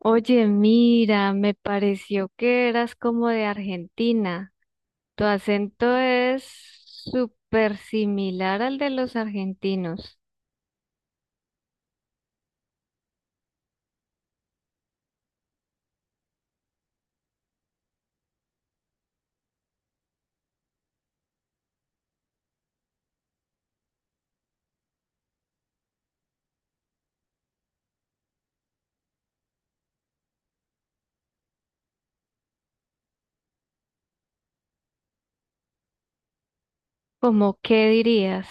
Oye, mira, me pareció que eras como de Argentina. Tu acento es súper similar al de los argentinos. ¿Cómo qué dirías?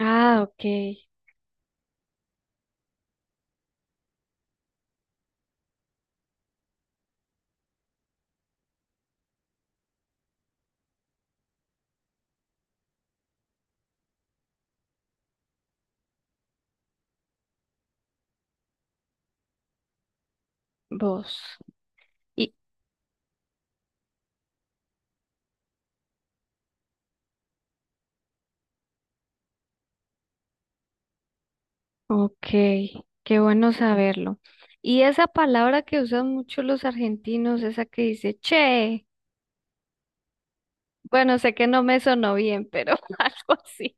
Ah, ok, vos. Y, ok, qué bueno saberlo. Y esa palabra que usan mucho los argentinos, esa que dice che, bueno, sé que no me sonó bien, pero algo así.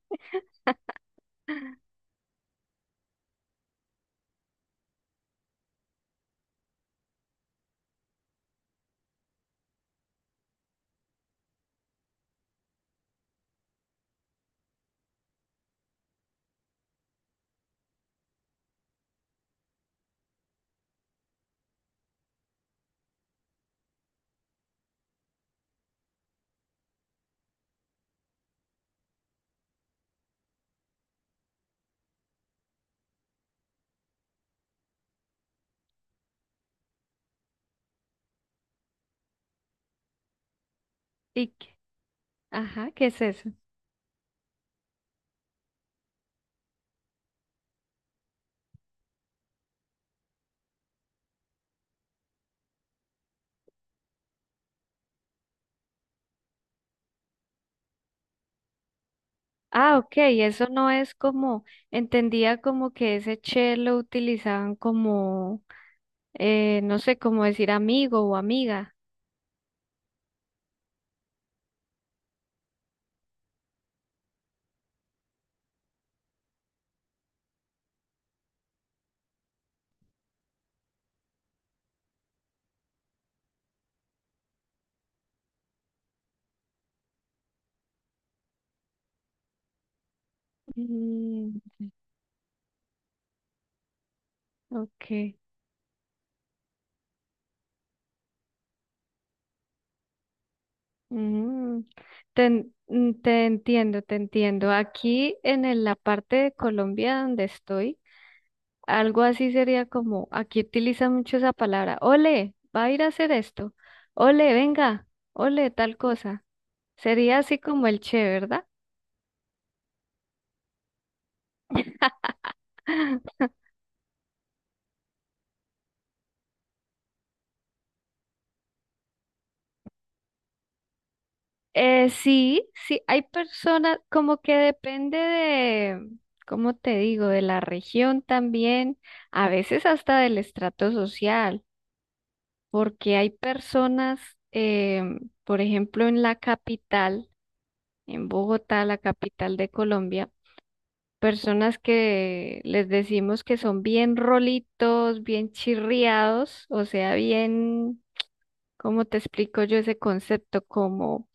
¿Y qué? Ajá, ¿qué es eso? Ah, ok, eso no es como, entendía como que ese che lo utilizaban como, no sé, como decir amigo o amiga. Mm, ok, mm, te entiendo, te entiendo. Aquí en la parte de Colombia donde estoy, algo así sería como, aquí utiliza mucho esa palabra, ole, va a ir a hacer esto, ole, venga, ole, tal cosa. Sería así como el che, ¿verdad? Sí, sí, hay personas como que depende de, ¿cómo te digo?, de la región también, a veces hasta del estrato social, porque hay personas, por ejemplo, en la capital, en Bogotá, la capital de Colombia, personas que les decimos que son bien rolitos, bien chirriados, o sea, bien, ¿cómo te explico yo ese concepto? Como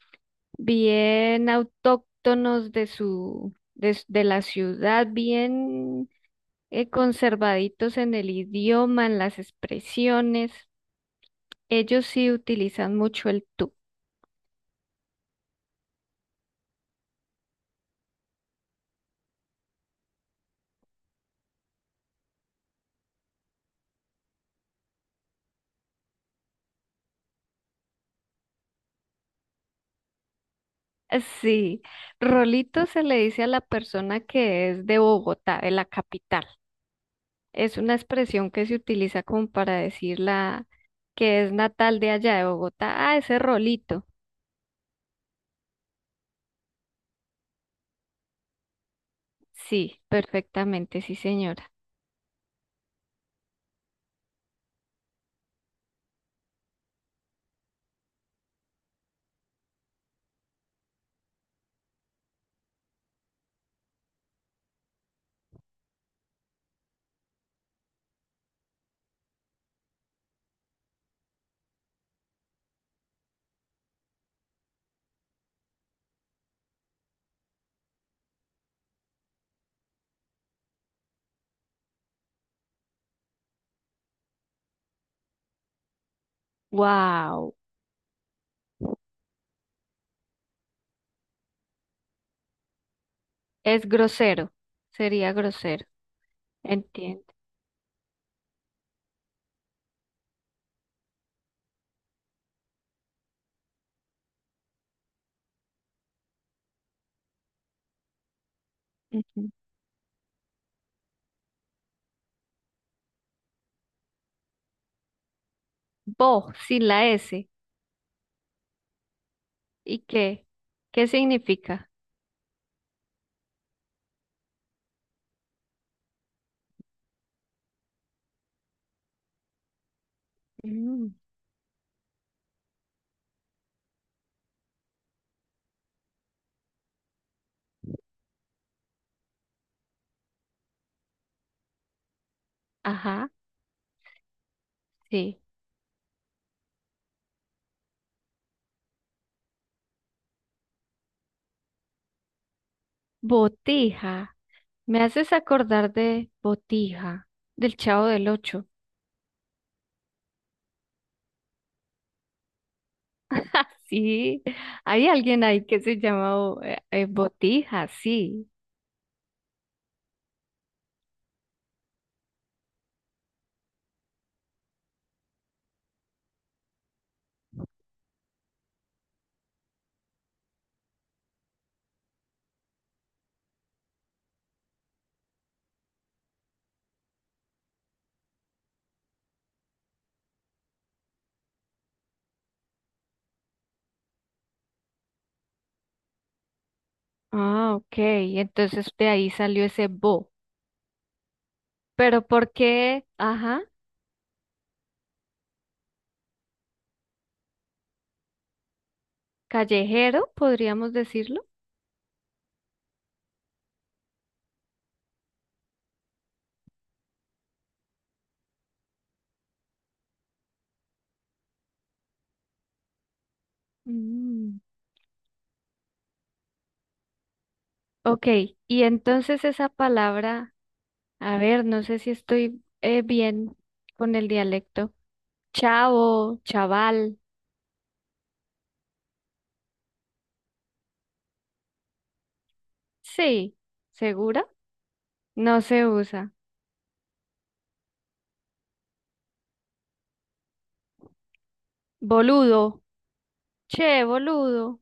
bien autóctonos de su, de la ciudad, bien conservaditos en el idioma, en las expresiones. Ellos sí utilizan mucho el tú. Sí, Rolito se le dice a la persona que es de Bogotá, de la capital. Es una expresión que se utiliza como para decir la que es natal de allá de Bogotá. Ah, ese Rolito. Sí, perfectamente, sí, señora. Wow. Es grosero. Sería grosero. Entiendo. Ujú. Bo, sin la S. ¿Y qué? ¿Qué significa? Mm. Ajá, sí. Botija. Me haces acordar de Botija, del Chavo del Ocho. Sí, hay alguien ahí que se llama Botija, sí. Ah, ok. Entonces de ahí salió ese Bo. Pero ¿por qué? Ajá, callejero, podríamos decirlo. Mm. Ok, y entonces esa palabra, a ver, no sé si estoy bien con el dialecto. Chavo, chaval, sí, ¿segura? No se usa. Boludo, che, boludo,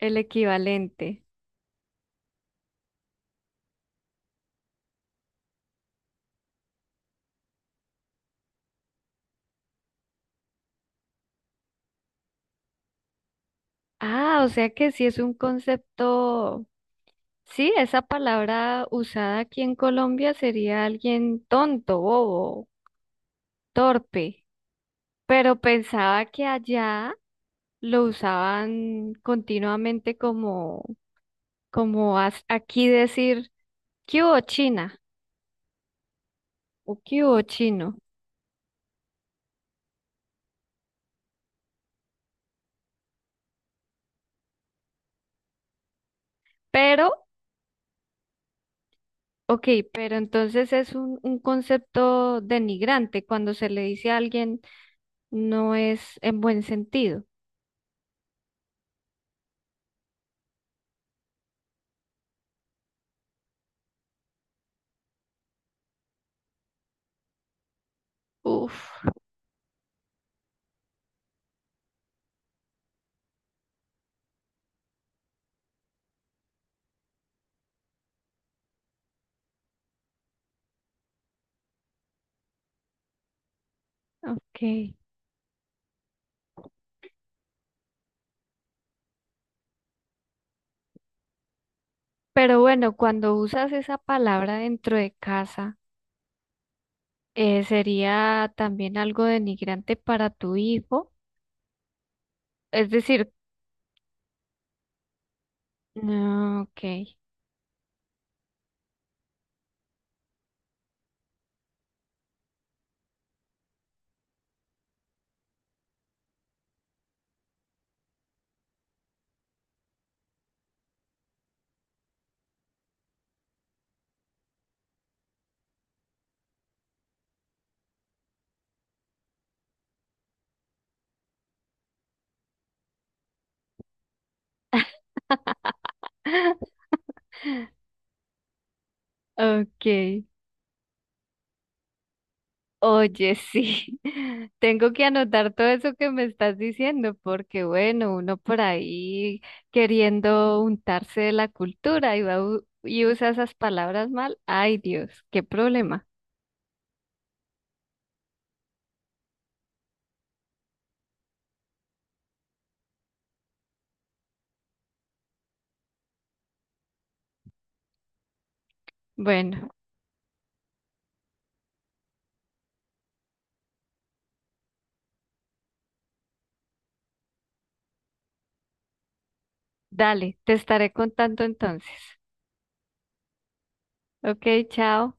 el equivalente. Ah, o sea que sí es un concepto, sí, esa palabra usada aquí en Colombia sería alguien tonto, bobo, torpe, pero pensaba que allá lo usaban continuamente como, como aquí decir, ¿qué hubo China? O ¿qué hubo chino? Pero, ok, pero entonces es un concepto denigrante cuando se le dice a alguien, no es en buen sentido. Uf, ok. Pero bueno, cuando usas esa palabra dentro de casa, sería también algo denigrante para tu hijo. Es decir, no, ok. Ok, oye, sí, tengo que anotar todo eso que me estás diciendo, porque bueno, uno por ahí queriendo untarse de la cultura y y usa esas palabras mal. Ay, Dios, qué problema. Bueno, dale, te estaré contando entonces. Ok, chao.